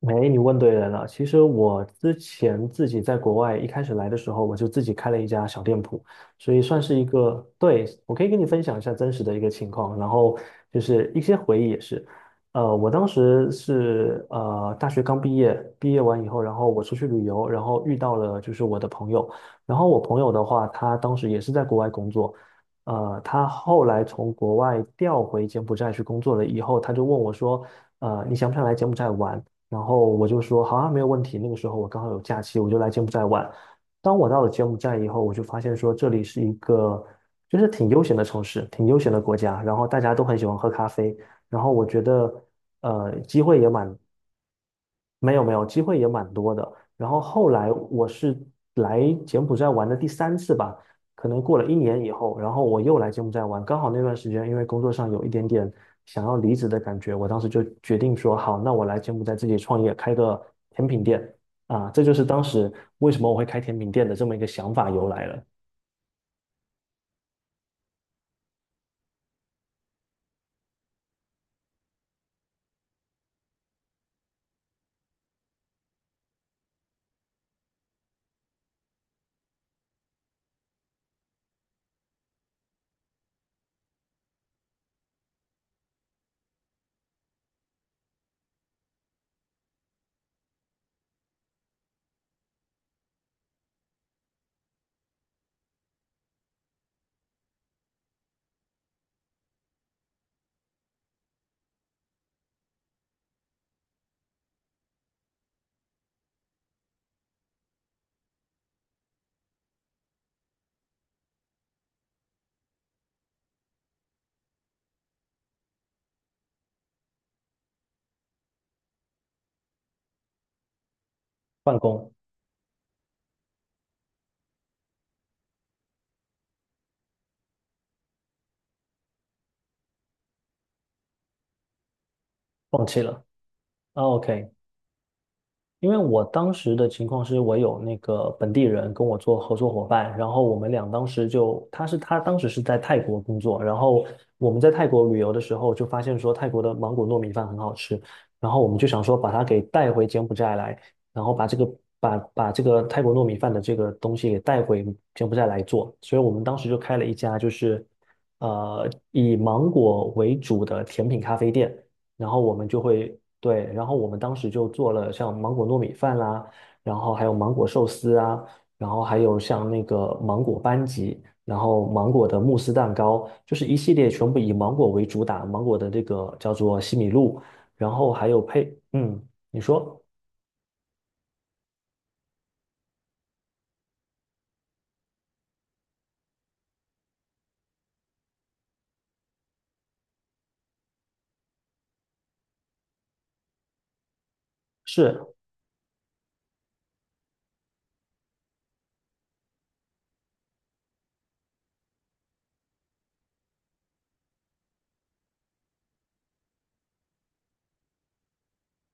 哎，你问对人了。其实我之前自己在国外一开始来的时候，我就自己开了一家小店铺，所以算是一个，对，我可以跟你分享一下真实的一个情况，然后就是一些回忆也是。我当时是大学刚毕业，毕业完以后，然后我出去旅游，然后遇到了就是我的朋友，然后我朋友的话，他当时也是在国外工作。他后来从国外调回柬埔寨去工作了以后，他就问我说，你想不想来柬埔寨玩？然后我就说好啊，没有问题。那个时候我刚好有假期，我就来柬埔寨玩。当我到了柬埔寨以后，我就发现说这里是一个就是挺悠闲的城市，挺悠闲的国家，然后大家都很喜欢喝咖啡，然后我觉得呃机会也蛮没有没有，机会也蛮多的。然后后来我是来柬埔寨玩的第三次吧，可能过了一年以后，然后我又来柬埔寨玩，刚好那段时间因为工作上有一点点想要离职的感觉，我当时就决定说好，那我来柬埔寨自己创业，开个甜品店啊，这就是当时为什么我会开甜品店的这么一个想法由来了。办公。放弃了。啊， OK。因为我当时的情况是我有那个本地人跟我做合作伙伴，然后我们俩当时就，他当时是在泰国工作，然后我们在泰国旅游的时候就发现说泰国的芒果糯米饭很好吃，然后我们就想说把它给带回柬埔寨来，然后把这个泰国糯米饭的这个东西给带回柬埔寨来做，所以我们当时就开了一家就是以芒果为主的甜品咖啡店。然后我们就会对，然后我们当时就做了像芒果糯米饭啦，然后还有芒果寿司啊，然后还有像那个芒果班戟，然后芒果的慕斯蛋糕，就是一系列全部以芒果为主打，芒果的这个叫做西米露，然后还有配。嗯，你说是。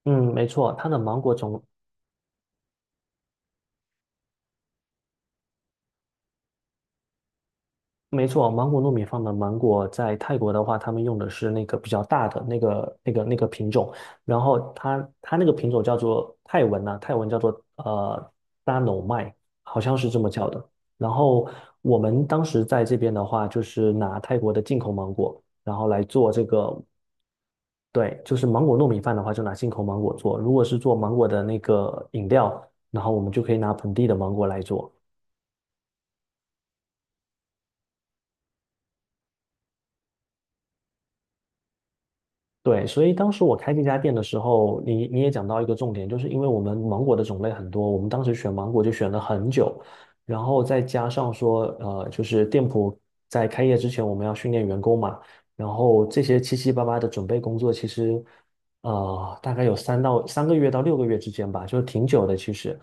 嗯，没错，它的芒果种没错，芒果糯米饭的芒果在泰国的话，他们用的是那个比较大的那个品种，然后它那个品种叫做泰文叫做呃大脑麦，好像是这么叫的。然后我们当时在这边的话，就是拿泰国的进口芒果，然后来做这个。对，就是芒果糯米饭的话，就拿进口芒果做；如果是做芒果的那个饮料，然后我们就可以拿本地的芒果来做。对，所以当时我开这家店的时候，你也讲到一个重点，就是因为我们芒果的种类很多，我们当时选芒果就选了很久，然后再加上说，就是店铺在开业之前我们要训练员工嘛，然后这些七七八八的准备工作，其实，大概有3个月到6个月之间吧，就是挺久的其实。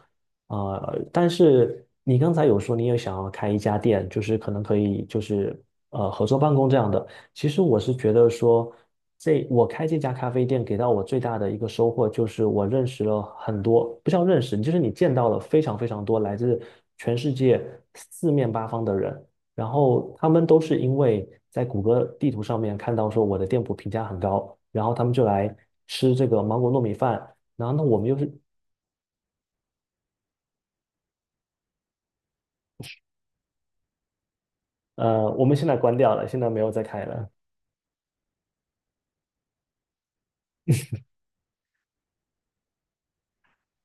但是你刚才有说你也想要开一家店，就是可能可以就是合作办公这样的。其实我是觉得说，我开这家咖啡店给到我最大的一个收获就是我认识了很多，不叫认识，就是你见到了非常非常多来自全世界四面八方的人，然后他们都是因为在谷歌地图上面看到说我的店铺评价很高，然后他们就来吃这个芒果糯米饭，然后那我们又是呃，我们现在关掉了，现在没有再开了。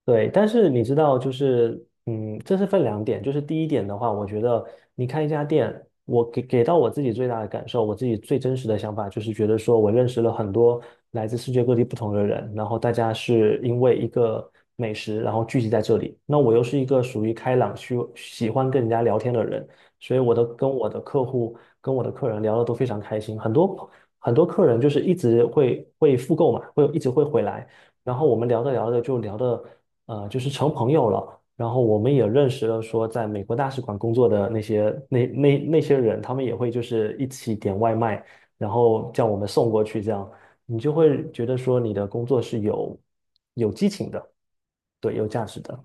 对，但是你知道，就是，嗯，这是分两点。就是第一点的话，我觉得你开一家店，我给到我自己最大的感受，我自己最真实的想法，就是觉得说我认识了很多来自世界各地不同的人，然后大家是因为一个美食，然后聚集在这里。那我又是一个属于开朗、需喜欢跟人家聊天的人，所以跟我的客户、跟我的客人聊的都非常开心。很多很多客人就是一直会复购嘛，会一直会回来。然后我们聊着聊着就聊的，就是成朋友了。然后我们也认识了说在美国大使馆工作的那些人，他们也会就是一起点外卖，然后叫我们送过去，这样你就会觉得说你的工作是有激情的。对，有价值的。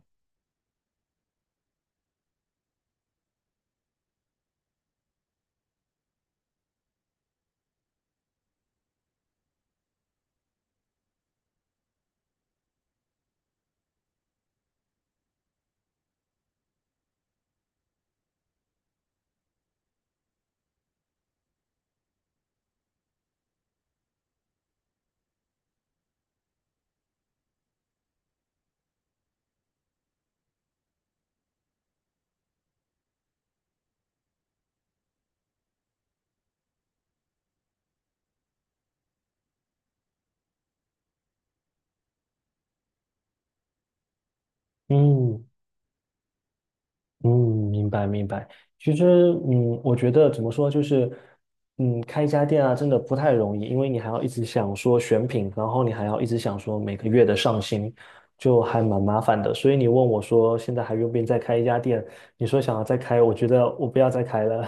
嗯。嗯，明白明白。其实，我觉得怎么说，就是，开一家店啊，真的不太容易，因为你还要一直想说选品，然后你还要一直想说每个月的上新，就还蛮麻烦的。所以你问我说，现在还愿不愿意再开一家店？你说想要再开，我觉得我不要再开了。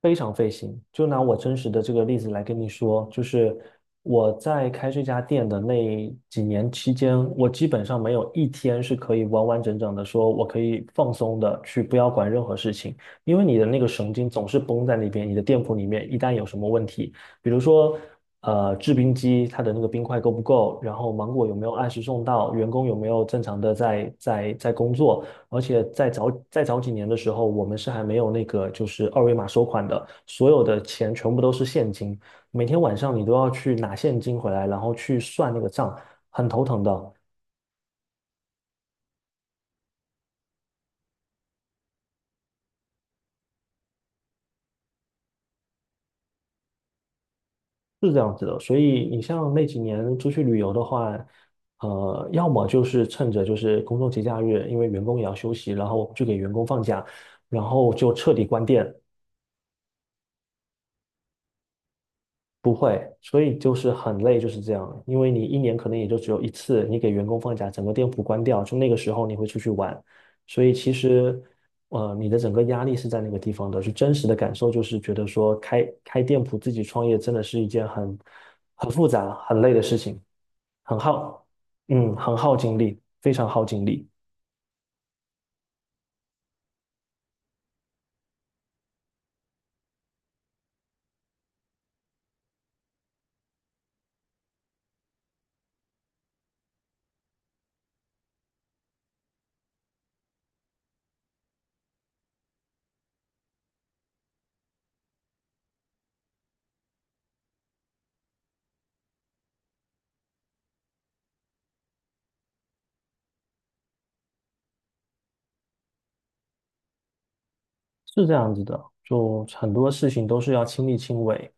非常费心。就拿我真实的这个例子来跟你说，就是我在开这家店的那几年期间，我基本上没有一天是可以完完整整的说我可以放松的去不要管任何事情，因为你的那个神经总是绷在那边。你的店铺里面一旦有什么问题，比如说，制冰机它的那个冰块够不够？然后芒果有没有按时送到？员工有没有正常的在工作？而且在早几年的时候，我们是还没有那个就是二维码收款的，所有的钱全部都是现金，每天晚上你都要去拿现金回来，然后去算那个账，很头疼的。是这样子的，所以你像那几年出去旅游的话，要么就是趁着就是公众节假日，因为员工也要休息，然后就给员工放假，然后就彻底关店。不会，所以就是很累，就是这样。因为你一年可能也就只有一次，你给员工放假，整个店铺关掉，就那个时候你会出去玩，所以其实，你的整个压力是在那个地方的。就真实的感受就是觉得说开店铺自己创业真的是一件很复杂、很累的事情，很耗，很耗精力，非常耗精力。是这样子的，就很多事情都是要亲力亲为。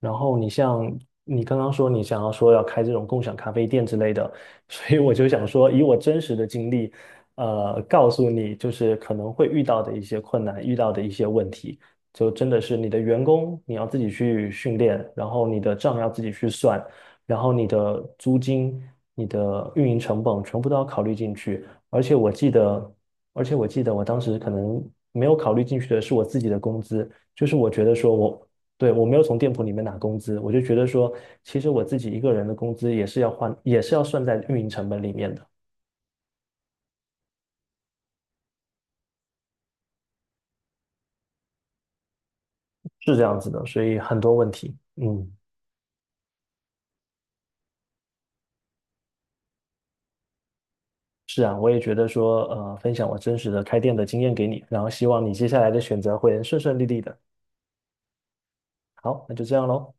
然后你像你刚刚说你想要说要开这种共享咖啡店之类的，所以我就想说以我真实的经历，告诉你就是可能会遇到的一些困难，遇到的一些问题，就真的是你的员工你要自己去训练，然后你的账要自己去算，然后你的租金、你的运营成本全部都要考虑进去。而且我记得我当时可能没有考虑进去的是我自己的工资，就是我觉得说我，对，我没有从店铺里面拿工资，我就觉得说，其实我自己一个人的工资也是要换，也是要算在运营成本里面的，是这样子的，所以很多问题。嗯，是啊，我也觉得说，分享我真实的开店的经验给你，然后希望你接下来的选择会顺顺利利的。好，那就这样喽。